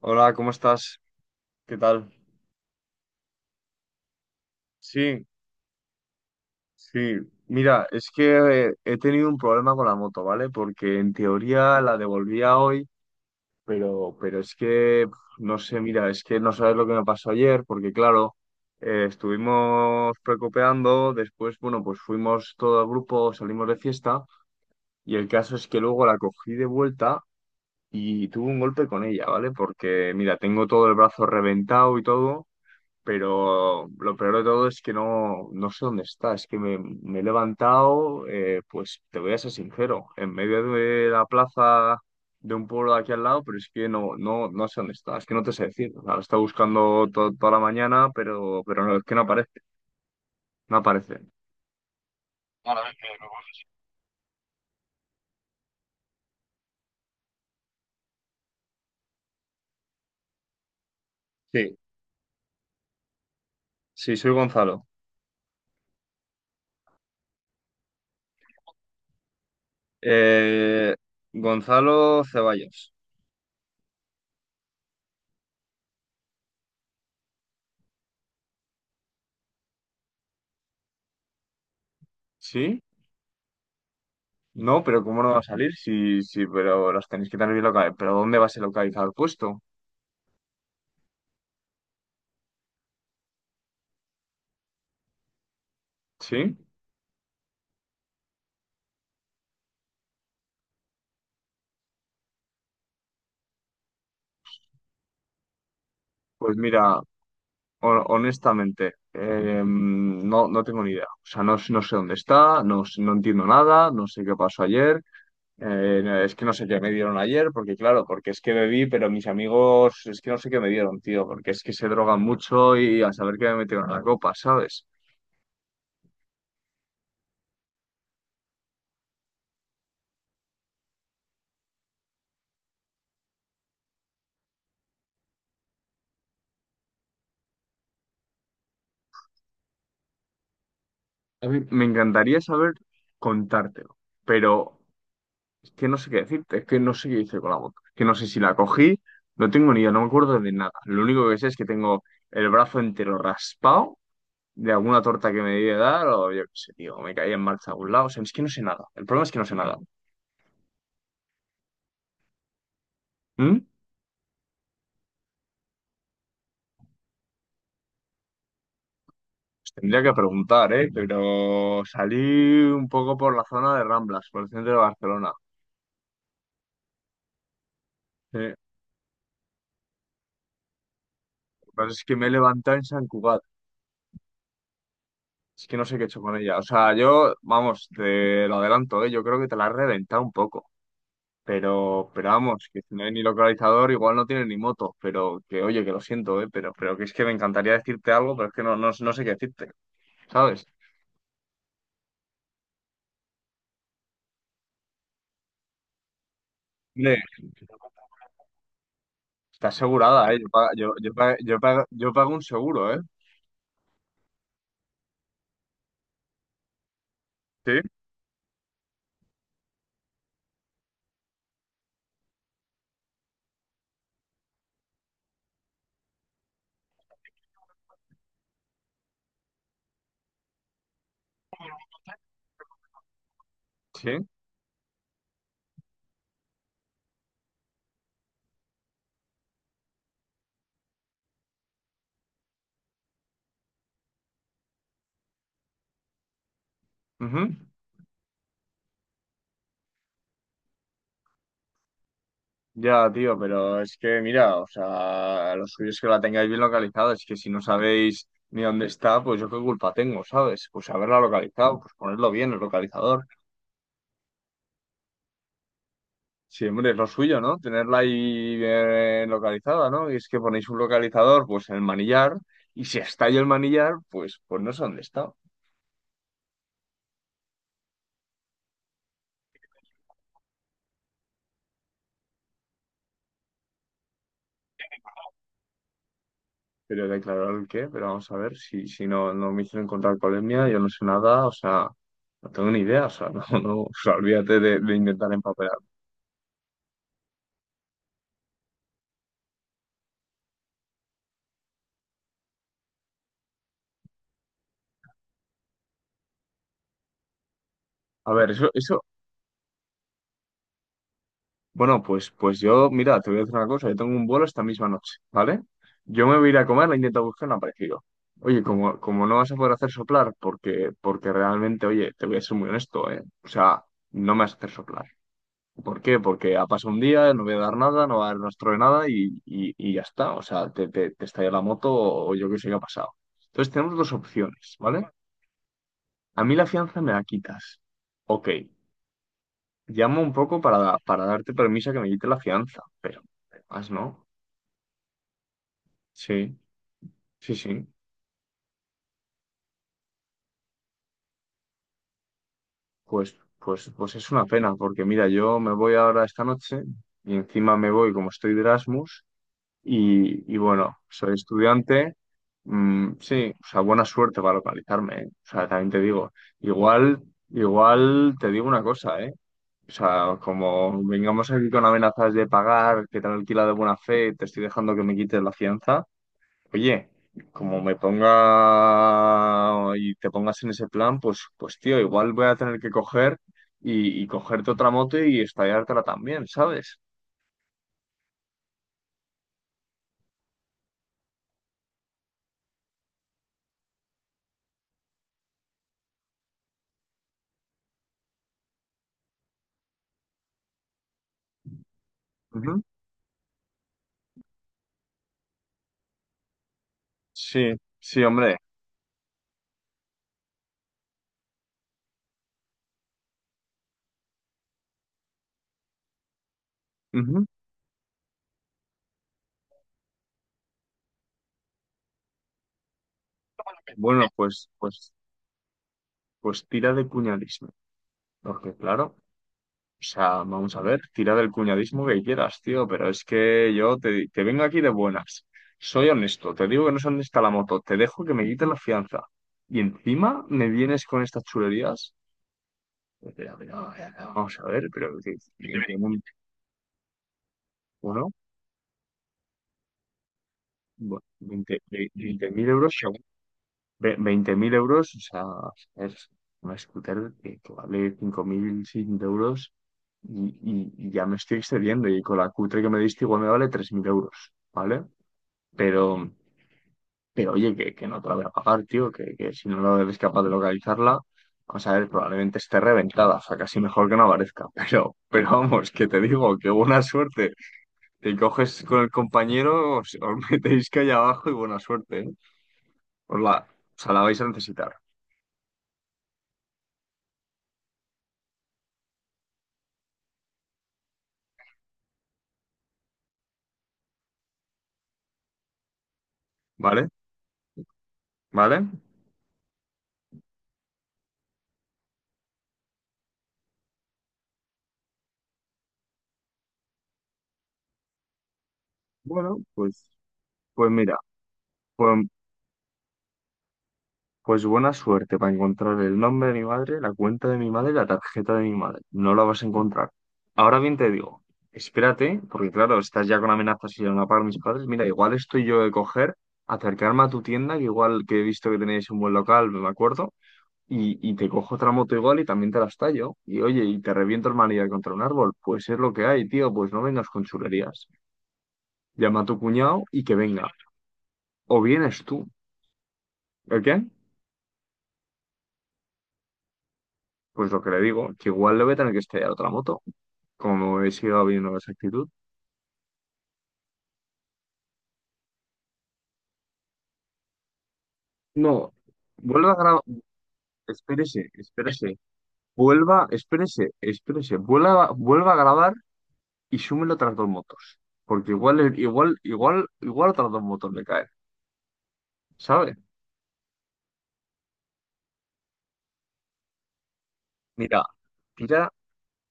Hola, ¿cómo estás? ¿Qué tal? Sí, sí. Mira, es que he tenido un problema con la moto, ¿vale? Porque en teoría la devolvía hoy, pero es que, no sé, mira, es que no sabes lo que me pasó ayer, porque claro, estuvimos precopeando, después, bueno, pues fuimos todo el grupo, salimos de fiesta, y el caso es que luego la cogí de vuelta y tuve un golpe con ella, ¿vale? Porque, mira, tengo todo el brazo reventado y todo. Pero lo peor de todo es que no sé dónde está. Es que me he levantado, pues te voy a ser sincero, en medio de la plaza de un pueblo de aquí al lado, pero es que no sé dónde está. Es que no te sé decir. O sea, lo he estado buscando toda la mañana, pero no, es que no aparece. No aparece. Ahora ves que luego- Sí, sí, soy Gonzalo. Eh, Gonzalo Ceballos. ¿Sí? No, pero ¿cómo no va a salir? Sí, sí, pero las tenéis que tener bien localizadas. ¿Pero dónde vas a localizar el puesto? ¿Sí? Pues mira, honestamente, no tengo ni idea. O sea, no, no sé dónde está, no, no entiendo nada, no sé qué pasó ayer. Es que no sé qué me dieron ayer, porque claro, porque es que bebí, pero mis amigos, es que no sé qué me dieron, tío, porque es que se drogan mucho y a saber qué me metieron en la copa, ¿sabes? A mí me encantaría saber contártelo, pero es que no sé qué decirte, es que no sé qué hice con la boca, es que no sé si la cogí, no tengo ni idea, no me acuerdo de nada. Lo único que sé es que tengo el brazo entero raspado de alguna torta que me debía dar, o yo qué sé, tío, me caía en marcha a algún lado. O sea, es que no sé nada. El problema es que no sé nada. ¿Mm? Pues tendría que preguntar, ¿eh? Pero salí un poco por la zona de Ramblas, por el centro de Barcelona. Sí. Lo que pasa es que me he levantado en San Cugat. Es que no sé qué he hecho con ella. O sea, yo, vamos, te lo adelanto, ¿eh? Yo creo que te la has reventado un poco. Pero vamos, que si no hay ni localizador, igual no tiene ni moto. Pero que, oye, que lo siento, ¿eh? Pero que es que me encantaría decirte algo, pero es que no sé qué decirte, ¿sabes? Está asegurada, ¿eh? Yo pago un seguro, ¿eh? Sí, sí. Ujú. Ya, tío, pero es que, mira, o sea, lo suyo es que la tengáis bien localizada. Es que si no sabéis ni dónde está, pues yo qué culpa tengo, ¿sabes? Pues haberla localizado, pues ponerlo bien, el localizador. Sí, hombre, es lo suyo, ¿no? Tenerla ahí bien localizada, ¿no? Y es que ponéis un localizador, pues en el manillar, y si está ahí el manillar, pues no sé dónde está. Pero declarar el qué, pero vamos a ver si, si no me hicieron encontrar polemia, yo no sé nada, o sea, no tengo ni idea, o sea, no, no, o sea, olvídate de intentar empapelar. A ver, eso, bueno, pues yo, mira, te voy a decir una cosa, yo tengo un vuelo esta misma noche, ¿vale? Yo me voy a ir a comer, la intento buscar, no ha aparecido. Oye, como no vas a poder hacer soplar, porque realmente, oye, te voy a ser muy honesto, ¿eh? O sea, no me vas a hacer soplar. ¿Por qué? Porque ha pasado un día, no voy a dar nada, no va a dar rastro de nada y ya está. O sea, te estalla la moto o yo qué sé qué ha pasado. Entonces tenemos dos opciones, ¿vale? A mí la fianza me la quitas. Ok, llamo un poco para, darte permiso a que me quite la fianza, pero más no. Sí, sí, sí. Pues es una pena, porque mira, yo me voy ahora esta noche y encima me voy como estoy de Erasmus. Y bueno, soy estudiante. Mm, sí, o sea, buena suerte para localizarme, ¿eh? O sea, también te digo, igual, igual te digo una cosa, ¿eh? O sea, como vengamos aquí con amenazas de pagar, que te han alquilado de buena fe, te estoy dejando que me quites la fianza. Oye, como me ponga y te pongas en ese plan, pues tío, igual voy a tener que coger y cogerte otra moto y estallártela también, ¿sabes? Ujú. Sí, sí, hombre. Ujú. Bueno, pues tira de cuñadismo. Porque claro, o sea, vamos a ver, tira del cuñadismo que quieras, tío, pero es que yo te vengo aquí de buenas. Soy honesto, te digo que no es honesta la moto, te dejo que me quites la fianza. Y encima me vienes con estas chulerías. Vamos a ver, pero bueno, bueno, 20 20.000 euros. Veinte mil euros, o sea, es una scooter que vale 5.600 euros y ya me estoy excediendo. Y con la cutre que me diste, igual me vale 3.000 euros, ¿vale? Pero, pero oye, que no te la voy a pagar, tío, que si no lo eres capaz de localizarla, vamos a ver, probablemente esté reventada, o sea, casi mejor que no aparezca. Pero vamos, que te digo, que buena suerte. Te coges con el compañero, os metéis que allá abajo y buena suerte, ¿eh? Os la, o sea, la vais a necesitar, ¿vale? ¿Vale? Bueno, pues mira, pues, pues buena suerte para encontrar el nombre de mi madre, la cuenta de mi madre y la tarjeta de mi madre. No la vas a encontrar. Ahora bien te digo, espérate, porque claro, estás ya con amenazas y van a pagar mis padres. Mira, igual estoy yo de coger, acercarme a tu tienda, que igual que he visto que tenéis un buen local, me acuerdo, y te cojo otra moto igual y también te la estallo. Y oye, y te reviento el manillar contra un árbol. Pues es lo que hay, tío, pues no vengas con chulerías. Llama a tu cuñado y que venga. O vienes tú. ¿El quién? Pues lo que le digo, que igual le voy a tener que estrellar otra moto, como he sido viendo esa actitud. No, vuelva a grabar, espérese, espérese, espérese, espérese, vuelva, vuelva a grabar y súmelo otras dos motos, porque igual otras dos motos le caen, ¿sabes? Mira, tira,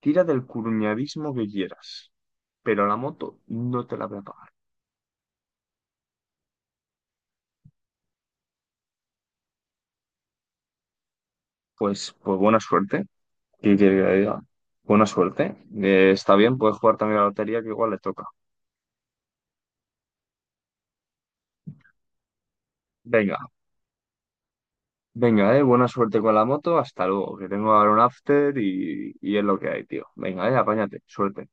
tira del curuñadismo que quieras, pero la moto no te la voy a pagar. Pues buena suerte, ¿qué quiere que le diga? Buena suerte. Está bien, puedes jugar también a la lotería que igual le toca. Venga, venga, buena suerte con la moto, hasta luego, que tengo ahora un after y es lo que hay, tío. Venga, apáñate, suerte.